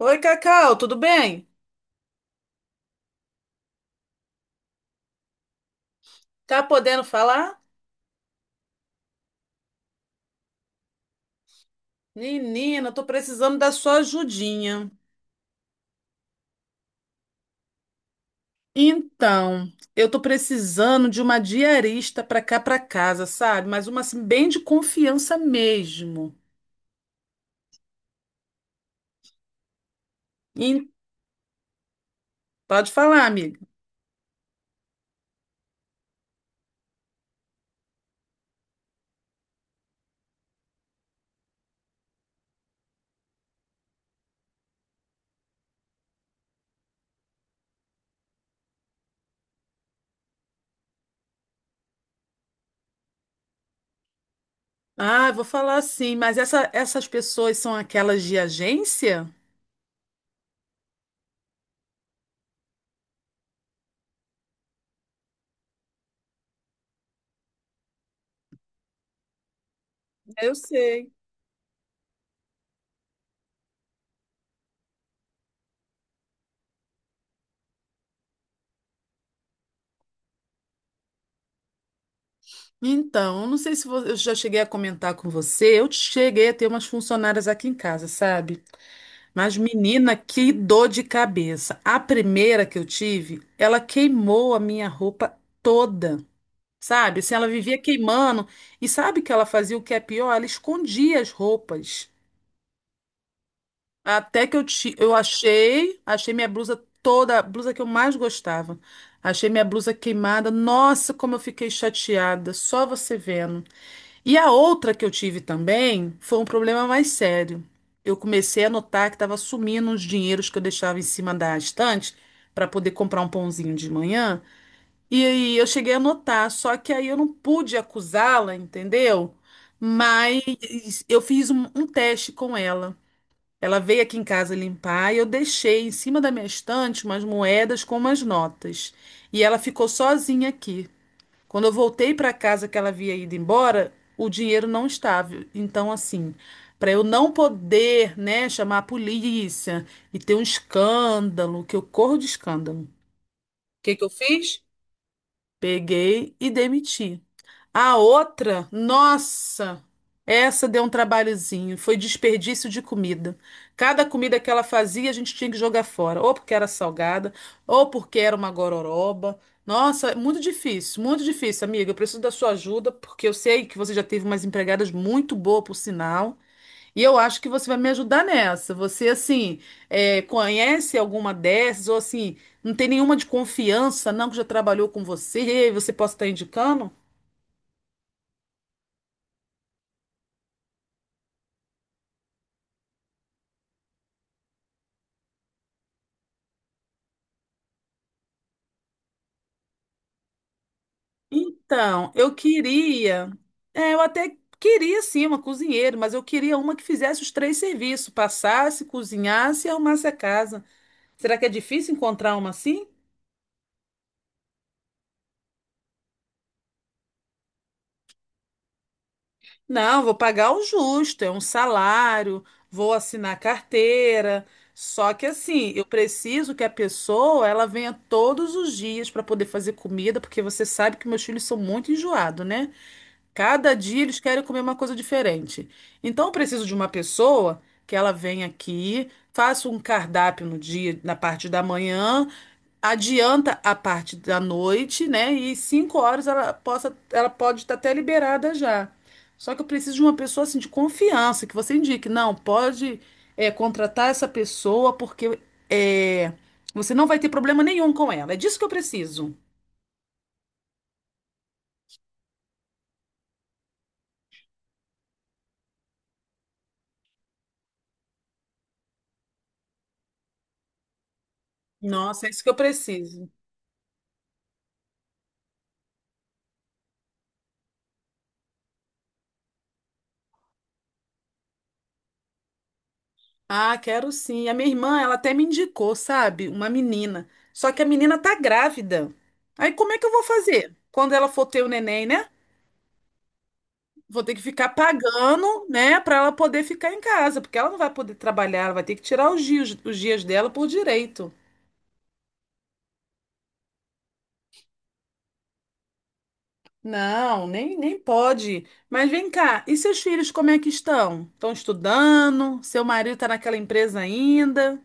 Oi, Cacau, tudo bem? Tá podendo falar? Menina, tô precisando da sua ajudinha. Então, eu tô precisando de uma diarista pra cá pra casa, sabe? Mas uma assim, bem de confiança mesmo. E- Pode falar, amiga. Ah, vou falar sim, mas essas pessoas são aquelas de agência? Eu sei. Então, eu não sei se vo- eu já cheguei a comentar com você, eu cheguei a ter umas funcionárias aqui em casa, sabe? Mas, menina, que dor de cabeça. A primeira que eu tive, ela queimou a minha roupa toda, sabe? Assim, ela vivia queimando. E sabe que ela fazia o que é pior? Ela escondia as roupas. Até que eu achei minha blusa toda, a blusa que eu mais gostava. Achei minha blusa queimada. Nossa, como eu fiquei chateada. Só você vendo. E a outra que eu tive também foi um problema mais sério. Eu comecei a notar que estava sumindo os dinheiros que eu deixava em cima da estante para poder comprar um pãozinho de manhã. E aí eu cheguei a notar, só que aí eu não pude acusá-la, entendeu? Mas eu fiz um teste com ela. Ela veio aqui em casa limpar e eu deixei em cima da minha estante umas moedas com umas notas. E ela ficou sozinha aqui. Quando eu voltei para casa que ela havia ido embora, o dinheiro não estava. Então, assim, para eu não poder, né, chamar a polícia e ter um escândalo, que eu corro de escândalo. O que que eu fiz? Peguei e demiti. A outra, nossa, essa deu um trabalhozinho, foi desperdício de comida. Cada comida que ela fazia, a gente tinha que jogar fora, ou porque era salgada, ou porque era uma gororoba. Nossa, é muito difícil, amiga. Eu preciso da sua ajuda, porque eu sei que você já teve umas empregadas muito boas, por sinal, e eu acho que você vai me ajudar nessa. Você, assim, é, conhece alguma dessas, ou assim, não tem nenhuma de confiança, não, que já trabalhou com você, e você possa estar indicando? Então, eu queria, é, eu até queria sim uma cozinheira, mas eu queria uma que fizesse os três serviços, passasse, cozinhasse e arrumasse a casa. Será que é difícil encontrar uma assim? Não, vou pagar o justo, é um salário, vou assinar carteira. Só que assim, eu preciso que a pessoa ela venha todos os dias para poder fazer comida, porque você sabe que meus filhos são muito enjoados, né? Cada dia eles querem comer uma coisa diferente. Então eu preciso de uma pessoa que ela venha aqui, faça um cardápio no dia, na parte da manhã, adianta a parte da noite, né? E 5 horas ela possa, ela pode estar até liberada já. Só que eu preciso de uma pessoa assim de confiança, que você indique, não, pode é, contratar essa pessoa porque é, você não vai ter problema nenhum com ela. É disso que eu preciso. Nossa, é isso que eu preciso. Ah, quero sim. A minha irmã, ela até me indicou, sabe? Uma menina. Só que a menina tá grávida. Aí como é que eu vou fazer? Quando ela for ter o neném, né? Vou ter que ficar pagando, né, pra ela poder ficar em casa, porque ela não vai poder trabalhar, ela vai ter que tirar os os dias dela por direito. Não, nem pode. Mas vem cá, e seus filhos como é que estão? Estão estudando? Seu marido tá naquela empresa ainda?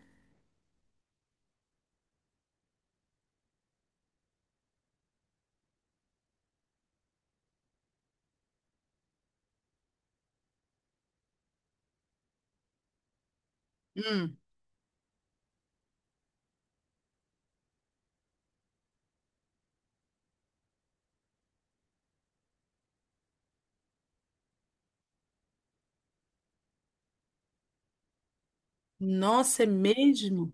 Hum, nossa, é mesmo?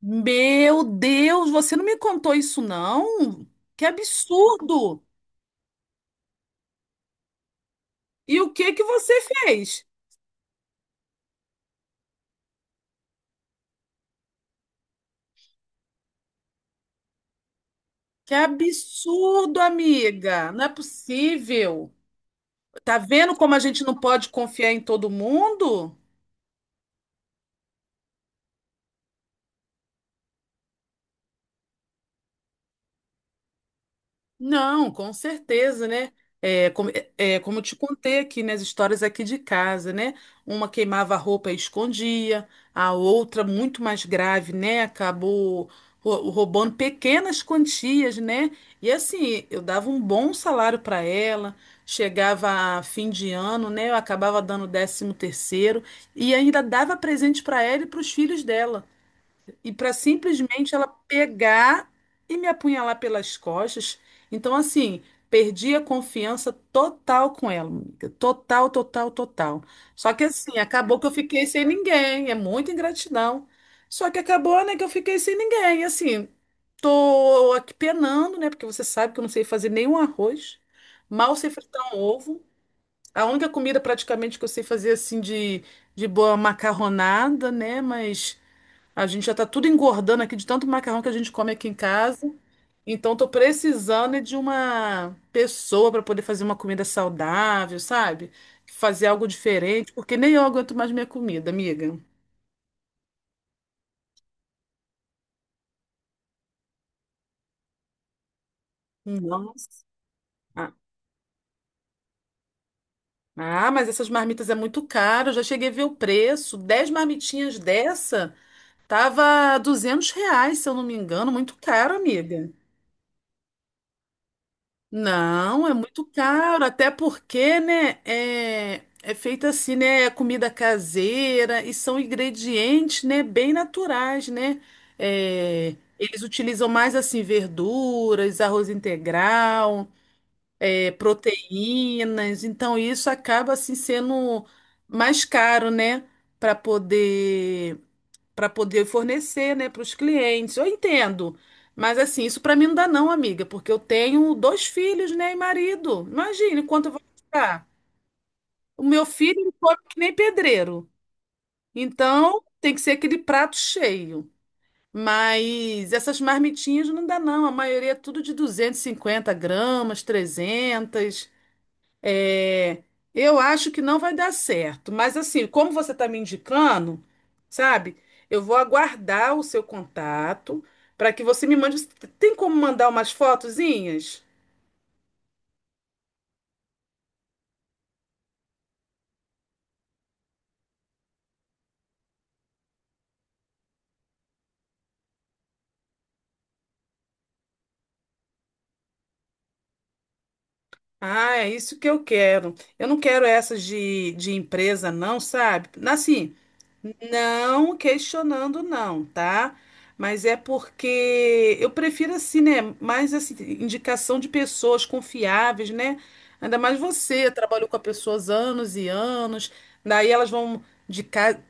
Meu Deus, você não me contou isso, não? Que absurdo! E o que que você fez? Que absurdo, amiga! Não é possível. Tá vendo como a gente não pode confiar em todo mundo? Não, com certeza, né? Como eu te contei aqui nas histórias aqui de casa, né? Uma queimava a roupa e escondia, a outra, muito mais grave, né? Acabou roubando pequenas quantias, né? E assim, eu dava um bom salário para ela, chegava a fim de ano, né? Eu acabava dando décimo terceiro e ainda dava presente para ela e para os filhos dela e para simplesmente ela pegar e me apunhalar pelas costas. Então, assim, perdi a confiança total com ela, amiga. Total, total, total. Só que assim, acabou que eu fiquei sem ninguém. É muita ingratidão. Só que acabou, né, que eu fiquei sem ninguém. E assim, tô aqui penando, né, porque você sabe que eu não sei fazer nenhum arroz, mal sei fritar um ovo. A única comida praticamente que eu sei fazer assim de boa macarronada, né? Mas a gente já tá tudo engordando aqui de tanto macarrão que a gente come aqui em casa. Então tô precisando é de uma pessoa para poder fazer uma comida saudável, sabe? Fazer algo diferente, porque nem eu aguento mais minha comida, amiga. Nossa. Ah, ah, mas essas marmitas é muito caro. Eu já cheguei a ver o preço. 10 marmitinhas dessa tava R$ 200, se eu não me engano. Muito caro, amiga. Não, é muito caro, até porque, né, é feita assim, né, é comida caseira e são ingredientes, né, bem naturais, né? É, eles utilizam mais assim verduras, arroz integral, é, proteínas, então isso acaba assim sendo mais caro, né, para poder para poder fornecer, né, para os clientes. Eu entendo, mas assim, isso para mim não dá não, amiga, porque eu tenho dois filhos, né, e marido. Imagine quanto eu vou gastar. O meu filho ele come que nem pedreiro. Então, tem que ser aquele prato cheio. Mas essas marmitinhas não dá não, a maioria é tudo de 250 gramas, 300. É, eu acho que não vai dar certo, mas assim, como você está me indicando, sabe? Eu vou aguardar o seu contato para que você me mande. Tem como mandar umas fotozinhas? Ah, é isso que eu quero. Eu não quero essas de empresa, não, sabe? Assim, não questionando, não, tá? Mas é porque eu prefiro assim, né? Mais assim, indicação de pessoas confiáveis, né? Ainda mais você, trabalhou com as pessoas anos e anos, daí elas vão de casa,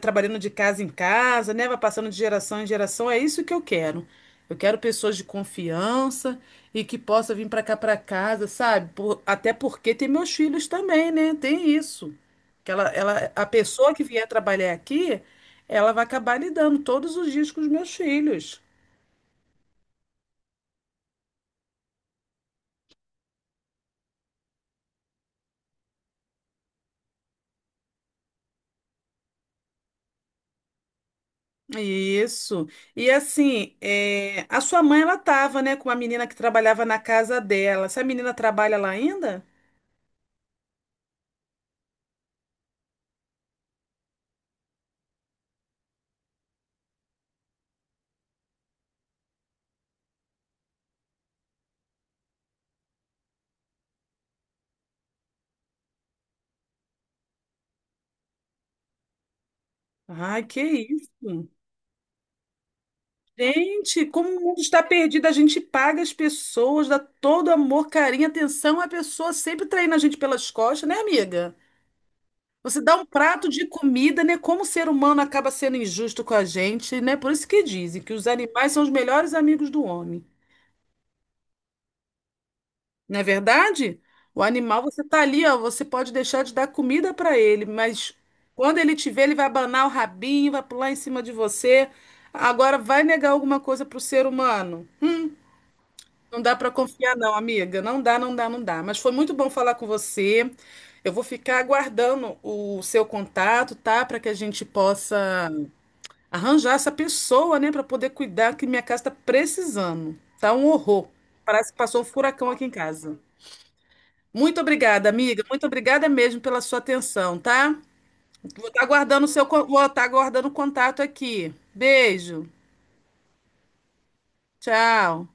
trabalhando de casa em casa, né? Vai passando de geração em geração. É isso que eu quero. Eu quero pessoas de confiança e que possa vir para cá para casa, sabe? Até porque tem meus filhos também, né? Tem isso. Que a pessoa que vier trabalhar aqui, ela vai acabar lidando todos os dias com os meus filhos. Isso. E assim, é, a sua mãe, ela tava, né, com uma menina que trabalhava na casa dela. Essa menina trabalha lá ainda? Ai, que isso. Gente, como o mundo está perdido, a gente paga as pessoas, dá todo amor, carinho, atenção, a pessoa sempre traindo a gente pelas costas, né, amiga? Você dá um prato de comida, né? Como o ser humano acaba sendo injusto com a gente, né? Por isso que dizem que os animais são os melhores amigos do homem. Não é verdade? O animal, você tá ali, ó, você pode deixar de dar comida para ele, mas quando ele te vê, ele vai abanar o rabinho, vai pular em cima de você. Agora, vai negar alguma coisa pro ser humano? Não dá para confiar, não, amiga. Não dá, não dá, não dá. Mas foi muito bom falar com você. Eu vou ficar aguardando o seu contato, tá? Para que a gente possa arranjar essa pessoa, né, para poder cuidar, que minha casa tá precisando. Tá um horror. Parece que passou um furacão aqui em casa. Muito obrigada, amiga. Muito obrigada mesmo pela sua atenção, tá? Vou estar aguardando vou estar aguardando o contato aqui. Beijo. Tchau.